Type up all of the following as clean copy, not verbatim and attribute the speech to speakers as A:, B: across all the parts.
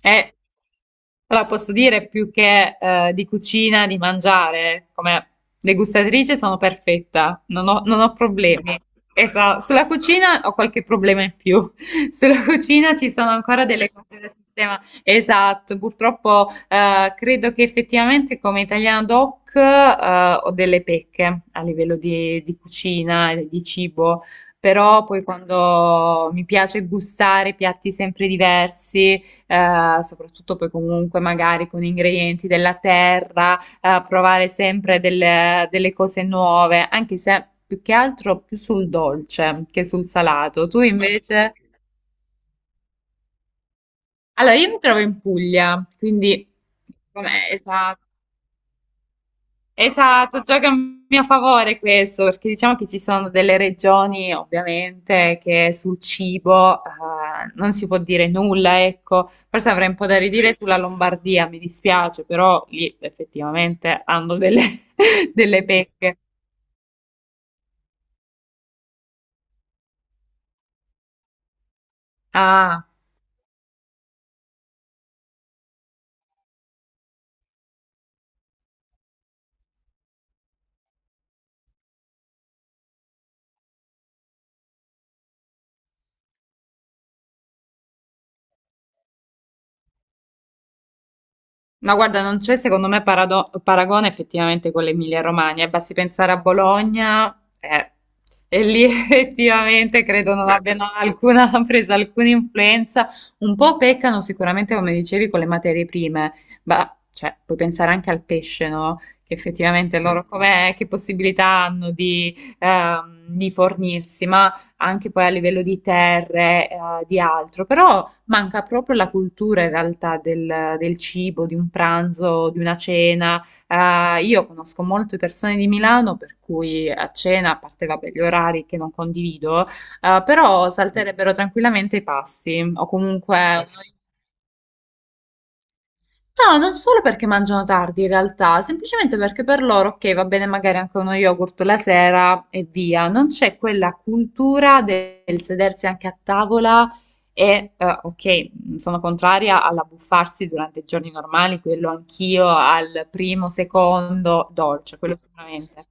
A: Eh, allora posso dire più che di cucina, di mangiare, come degustatrice sono perfetta, non ho problemi. Esatto, sulla cucina ho qualche problema in più. Sulla cucina ci sono ancora delle cose da sistema. Esatto, purtroppo credo che effettivamente come italiano doc ho delle pecche a livello di cucina, e di cibo, però poi quando mi piace gustare piatti sempre diversi, soprattutto poi comunque magari con ingredienti della terra, provare sempre delle cose nuove, anche se più che altro più sul dolce che sul salato. Tu invece? Allora, io mi trovo in Puglia, quindi com'è? Esatto. Esatto, gioca a mio favore questo, perché diciamo che ci sono delle regioni ovviamente che sul cibo non si può dire nulla, ecco, forse avrei un po' da ridire sulla Lombardia, mi dispiace, però lì effettivamente hanno delle pecche. Ah. No, guarda, non c'è secondo me paragone effettivamente con l'Emilia-Romagna, e basti pensare a Bologna, eh, e lì effettivamente credo non abbiano alcuna, presa alcuna influenza, un po' peccano sicuramente, come dicevi, con le materie prime, ma cioè, puoi pensare anche al pesce, no? Che effettivamente loro com'è, che possibilità hanno di fornirsi, ma anche poi a livello di terre, di altro, però manca proprio la cultura in realtà del, del cibo, di un pranzo, di una cena. Io conosco molte persone di Milano per cui a cena, a parte vabbè, gli orari che non condivido, però salterebbero tranquillamente i pasti o comunque. No, non solo perché mangiano tardi in realtà, semplicemente perché per loro, ok, va bene magari anche uno yogurt la sera e via, non c'è quella cultura del sedersi anche a tavola e, ok, sono contraria all'abbuffarsi durante i giorni normali, quello anch'io al primo, secondo dolce, quello sicuramente.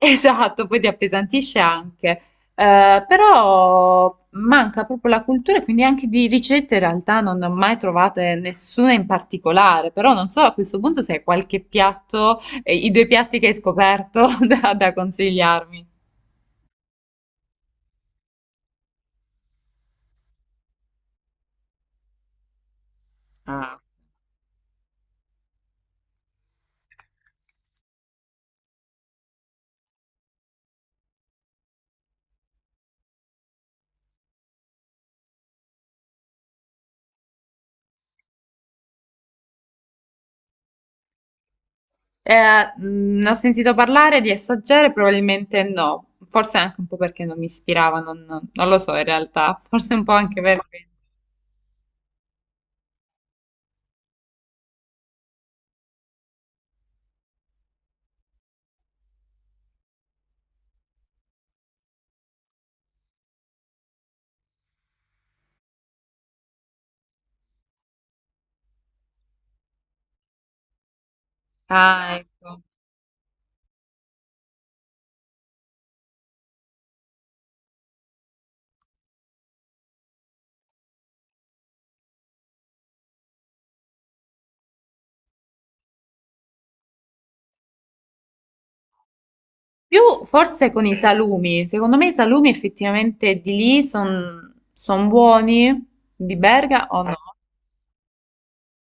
A: Esatto, poi ti appesantisce anche. Però manca proprio la cultura, quindi anche di ricette in realtà non ne ho mai trovate nessuna in particolare, però non so a questo punto se hai qualche piatto, i due piatti che hai scoperto da consigliarmi. Ah. Ne ho sentito parlare di assaggiare, probabilmente no, forse anche un po' perché non mi ispirava, non lo so in realtà, forse un po' anche per questo. Ah, ecco. Più forse con i salumi, secondo me i salumi effettivamente di lì sono buoni, di Berga o no?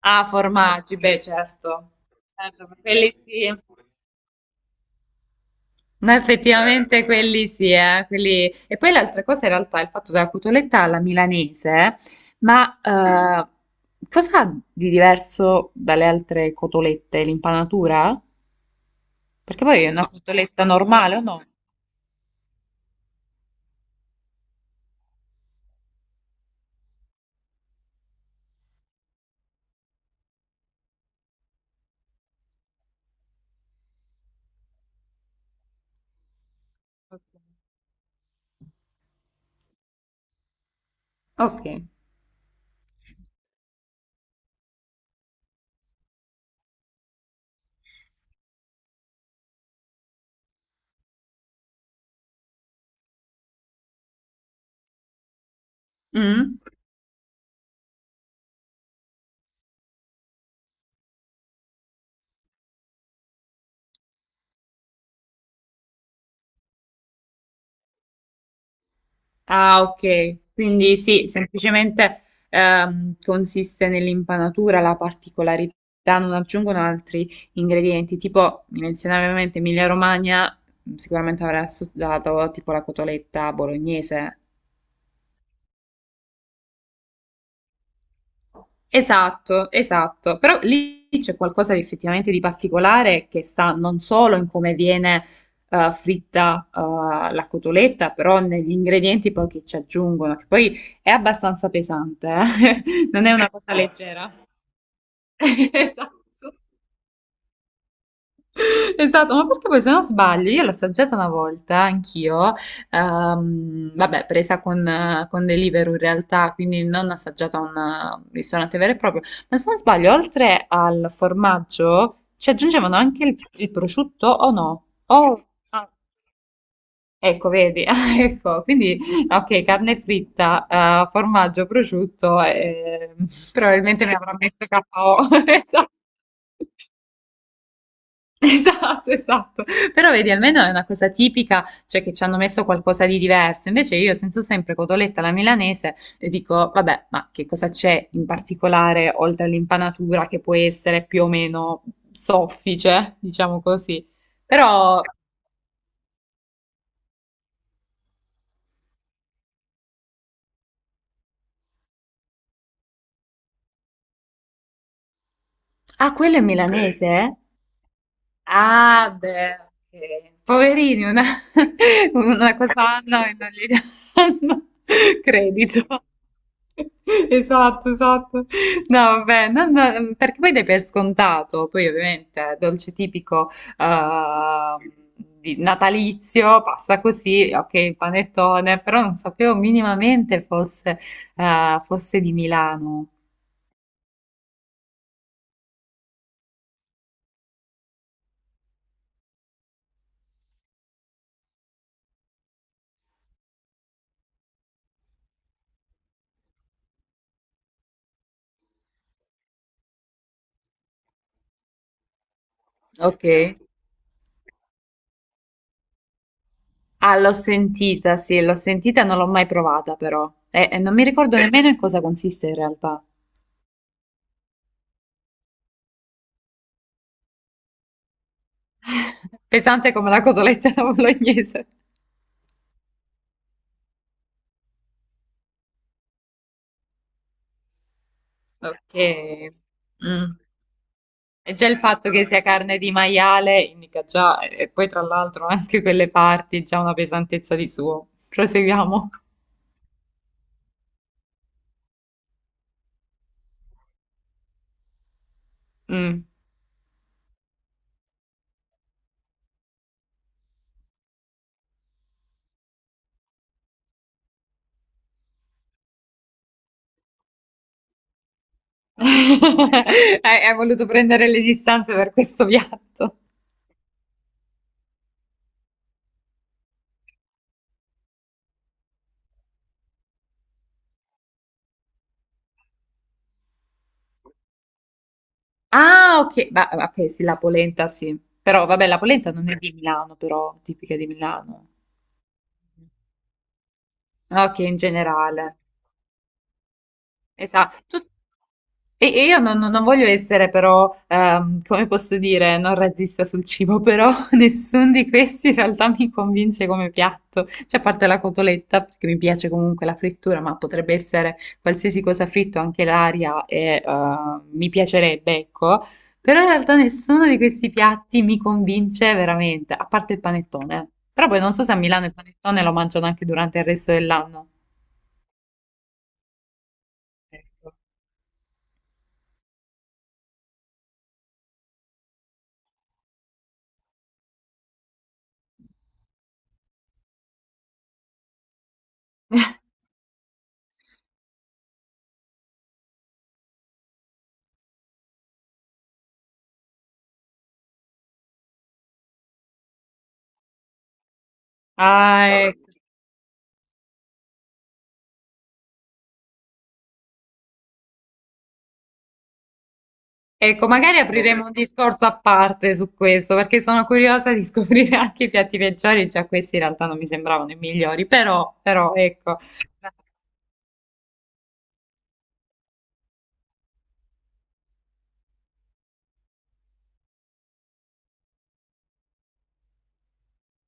A: Ah, formaggi, beh certo, certo, per quelli sì. No, effettivamente quelli sì, e poi l'altra cosa in realtà è il fatto della cotoletta alla milanese, ma cosa ha di diverso dalle altre cotolette? L'impanatura? Perché poi è una cotoletta normale o no? Ok. Mm? Ah, ok. Quindi sì, semplicemente consiste nell'impanatura la particolarità, non aggiungono altri ingredienti. Tipo, mi menzionavi ovviamente Emilia Romagna, sicuramente avrà assaggiato tipo la cotoletta bolognese. Esatto, esatto, però lì c'è qualcosa di effettivamente di particolare che sta non solo in come viene fritta la cotoletta, però negli ingredienti poi che ci aggiungono, che poi è abbastanza pesante, eh. Non è una cosa leggera. Esatto. Esatto, ma perché poi se non sbaglio, io l'ho assaggiata una volta, anch'io, vabbè, presa con Deliveroo in realtà, quindi non assaggiata a un ristorante vero e proprio, ma se non sbaglio, oltre al formaggio ci aggiungevano anche il prosciutto o no? Ah, ecco, vedi, ah, ecco, quindi ok, carne fritta, formaggio, prosciutto, probabilmente mi avrà messo KO. Esatto. Esatto, esatto. Però vedi, almeno è una cosa tipica, cioè che ci hanno messo qualcosa di diverso. Invece io sento sempre cotoletta alla milanese e dico, vabbè, ma che cosa c'è in particolare oltre all'impanatura che può essere più o meno soffice, diciamo così. Però, ah, quello è Ok. milanese? Eh? Ah, beh, ok. Poverini, una cosa fanno e non gli danno credito. Esatto, esatto. No, vabbè, perché poi dai per scontato, poi ovviamente è dolce tipico ehm, di- natalizio, passa così, ok, il panettone, però non sapevo minimamente fosse di Milano. Ok. Ah, l'ho sentita, sì, l'ho sentita, non l'ho mai provata però. E non mi ricordo nemmeno in cosa consiste in realtà. Pesante come la cotoletta alla bolognese. Ok. Mm. E già il fatto che sia carne di maiale indica già, e poi tra l'altro anche quelle parti, già una pesantezza di suo. Proseguiamo. Mm. Hai voluto prendere le distanze per questo piatto. Ah, ok, bah, ok, sì, la polenta sì, però vabbè, la polenta non è di Milano, però tipica di Milano. Ah, ok, in generale. Esatto. E io non voglio essere però, come posso dire, non razzista sul cibo, però nessuno di questi in realtà mi convince come piatto, cioè a parte la cotoletta, perché mi piace comunque la frittura, ma potrebbe essere qualsiasi cosa fritto, anche l'aria, e mi piacerebbe, ecco, però in realtà nessuno di questi piatti mi convince veramente, a parte il panettone. Però poi non so se a Milano il panettone lo mangiano anche durante il resto dell'anno. Ecco. Ah, ecco. Ecco, magari apriremo un discorso a parte su questo, perché sono curiosa di scoprire anche i piatti peggiori, già questi in realtà non mi sembravano i migliori, però ecco,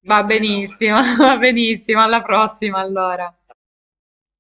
A: va benissimo, va benissimo, alla prossima allora.